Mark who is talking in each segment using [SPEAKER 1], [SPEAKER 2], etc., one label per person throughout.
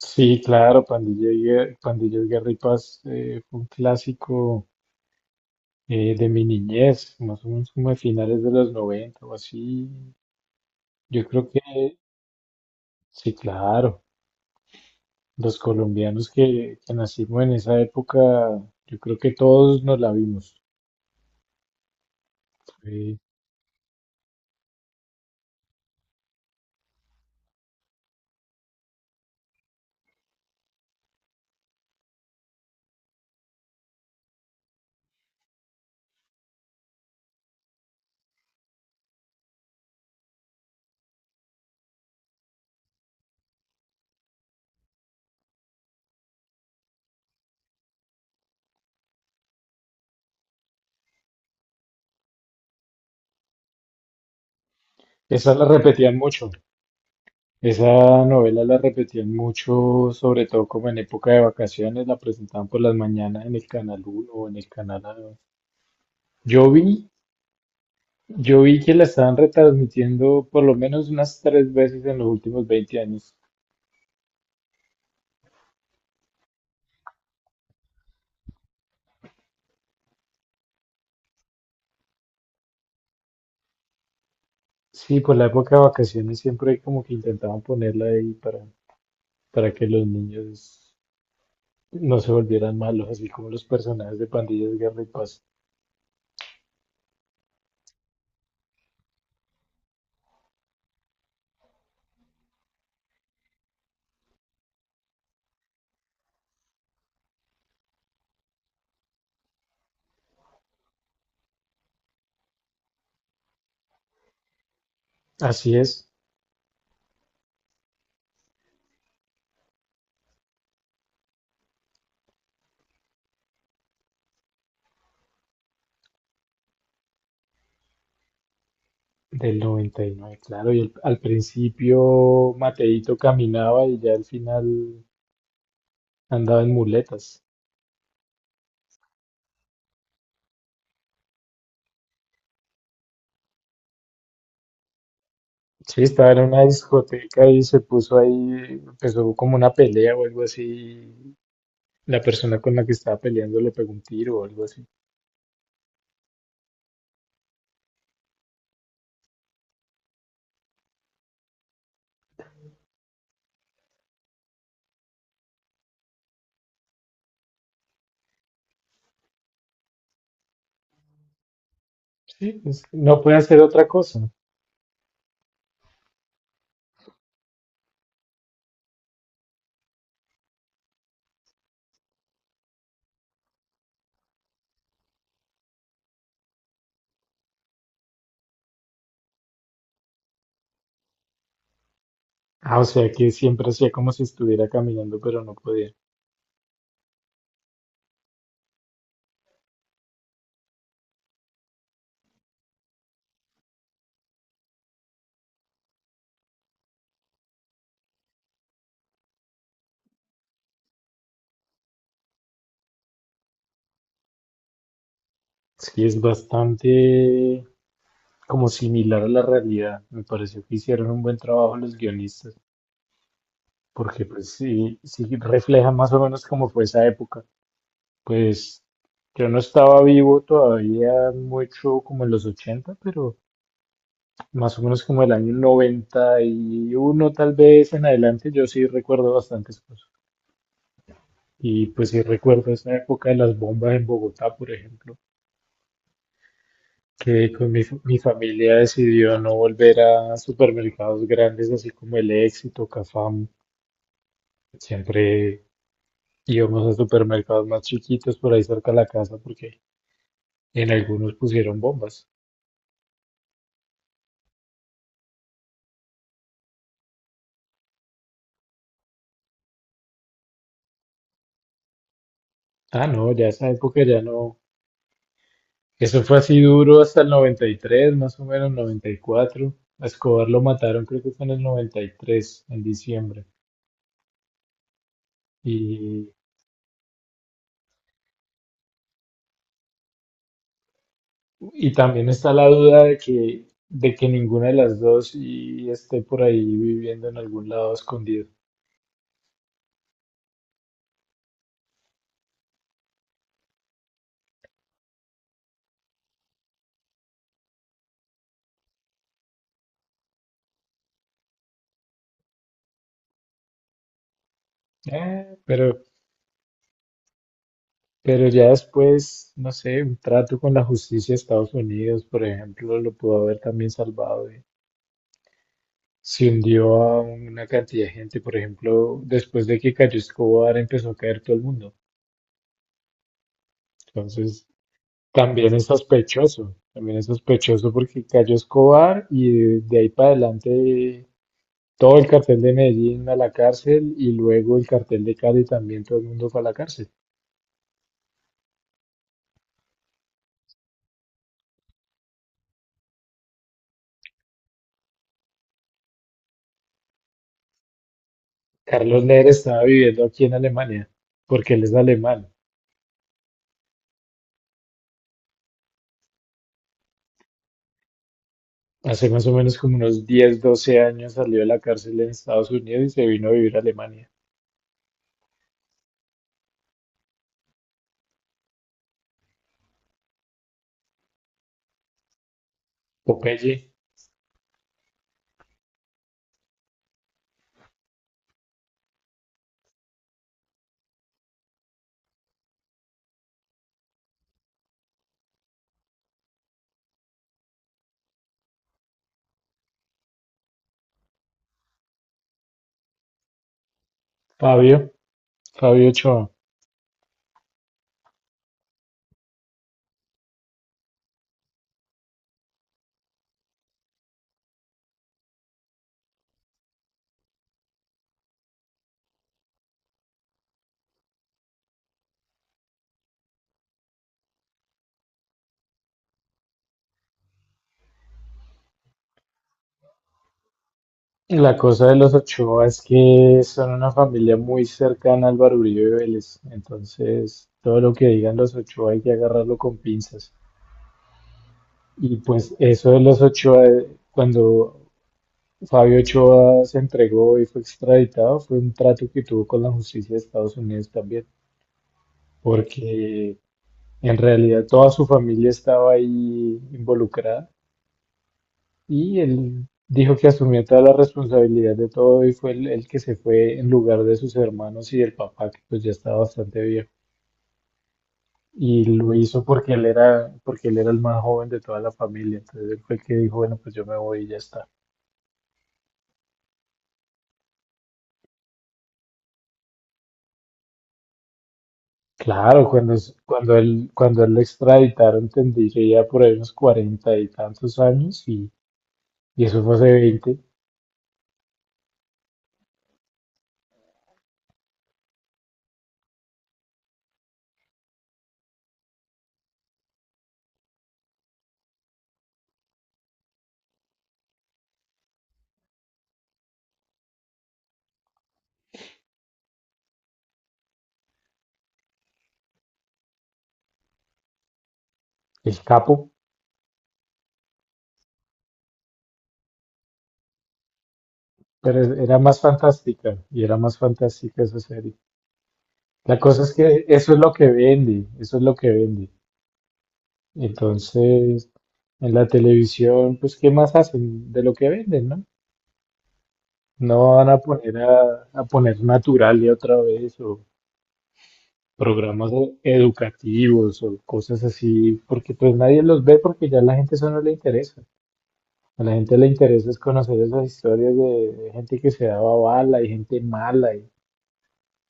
[SPEAKER 1] Sí, claro, Pandilla Guerra y Paz, fue un clásico de mi niñez, más o menos como de finales de los 90 o así. Yo creo que sí, claro, los colombianos que nacimos en esa época, yo creo que todos nos la vimos. Fue- Esa la repetían mucho, esa novela la repetían mucho, sobre todo como en época de vacaciones, la presentaban por las mañanas en el Canal Uno o en el Canal A. Yo vi Yo vi que la estaban retransmitiendo por lo menos unas tres veces en los últimos veinte años. Sí, por la época de vacaciones siempre como que intentaban ponerla ahí para que los niños no se volvieran malos, así como los personajes de Pandillas, Guerra y Paz. Así es, del noventa y nueve, claro. Al principio Mateito caminaba y ya al final andaba en muletas. Sí, estaba en una discoteca y se puso ahí, empezó como una pelea o algo así. La persona con la que estaba peleando le pegó un tiro o algo así. Sí, pues no puede hacer otra cosa. Ah, o sea que siempre hacía como si estuviera caminando, pero no podía. Sí, es bastante como similar a la realidad. Me pareció que hicieron un buen trabajo los guionistas, porque pues sí, sí refleja más o menos cómo fue esa época. Pues yo no estaba vivo todavía mucho como en los ochenta, pero más o menos como el año 91 tal vez en adelante, yo sí recuerdo bastantes cosas. Y pues sí recuerdo esa época de las bombas en Bogotá, por ejemplo, que con mi familia decidió no volver a supermercados grandes así como El Éxito, Cafam. Siempre íbamos a supermercados más chiquitos por ahí cerca de la casa porque en algunos pusieron bombas. Ah, no, ya esa época ya no. Eso fue así duro hasta el 93, más o menos 94. A Escobar lo mataron, creo que fue en el 93, en diciembre. Y y también está la duda de que ninguna de las dos y esté por ahí viviendo en algún lado escondido. Eh, pero, pero ya después, no sé, un trato con la justicia de Estados Unidos, por ejemplo, lo pudo haber también salvado. Se hundió a una cantidad de gente, por ejemplo, después de que cayó Escobar empezó a caer todo el mundo. Entonces, también es sospechoso porque Cayo Escobar y de ahí para adelante todo el cartel de Medellín a la cárcel, y luego el cartel de Cali también, todo el mundo fue a la cárcel. Carlos Ler estaba viviendo aquí en Alemania porque él es alemán. Hace más o menos como unos 10, 12 años salió de la cárcel en Estados Unidos y se vino a vivir a Alemania. Popeye, Fabio, Fabio Ochoa. La cosa de los Ochoa es que son una familia muy cercana al Álvaro Uribe Vélez, entonces todo lo que digan los Ochoa hay que agarrarlo con pinzas. Y pues eso de los Ochoa, cuando Fabio Ochoa se entregó y fue extraditado, fue un trato que tuvo con la justicia de Estados Unidos también, porque en realidad toda su familia estaba ahí involucrada. Y él dijo que asumía toda la responsabilidad de todo y fue el que se fue en lugar de sus hermanos y del papá, que pues ya estaba bastante viejo. Y lo hizo porque porque él era el más joven de toda la familia. Entonces él fue el que dijo, bueno, pues yo me voy y ya está. Claro, cuando él lo extraditaron, entendí que ya por ahí unos cuarenta y tantos años, y eso fue hace veinte. El Capo, pero era más fantástica, y era más fantástica esa serie. La cosa es que eso es lo que vende, eso es lo que vende. Entonces, en la televisión, pues ¿qué más hacen de lo que venden, no? No van a poner a poner Naturalia otra vez o programas educativos o cosas así, porque pues nadie los ve porque ya a la gente eso no le interesa. A la gente le interesa es conocer esas historias de gente que se daba bala y gente mala, y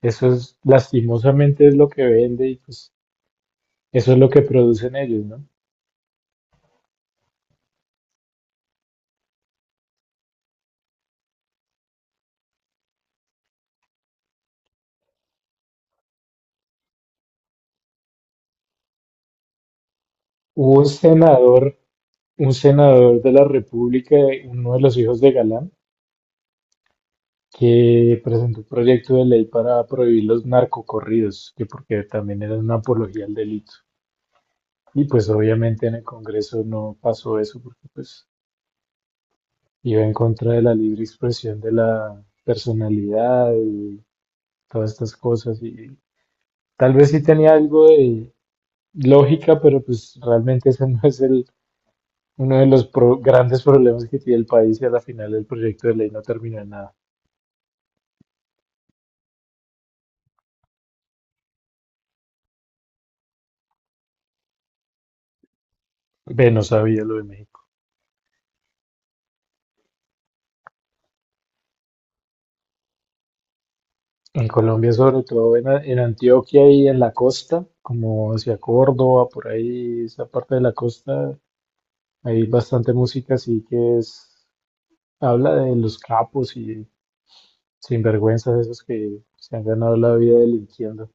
[SPEAKER 1] eso es lastimosamente es lo que vende y pues eso es lo que producen ellos, ¿no? Hubo un senador de la República, uno de los hijos de Galán, que presentó un proyecto de ley para prohibir los narcocorridos, que porque también era una apología al delito. Y pues obviamente en el Congreso no pasó eso porque pues iba en contra de la libre expresión de la personalidad y todas estas cosas. Y tal vez sí tenía algo de lógica, pero pues realmente ese no es el uno de los grandes problemas que tiene el país, y a la final el proyecto de ley no terminó en nada. Ve, no sabía lo de México. En Colombia, sobre todo en en Antioquia y en la costa, como hacia Córdoba, por ahí, esa parte de la costa, hay bastante música así, que es, habla de los capos y sinvergüenzas esos que se han ganado la vida delinquiendo.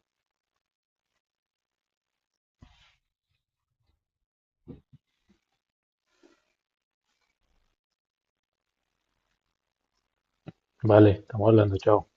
[SPEAKER 1] Vale, estamos hablando, chao.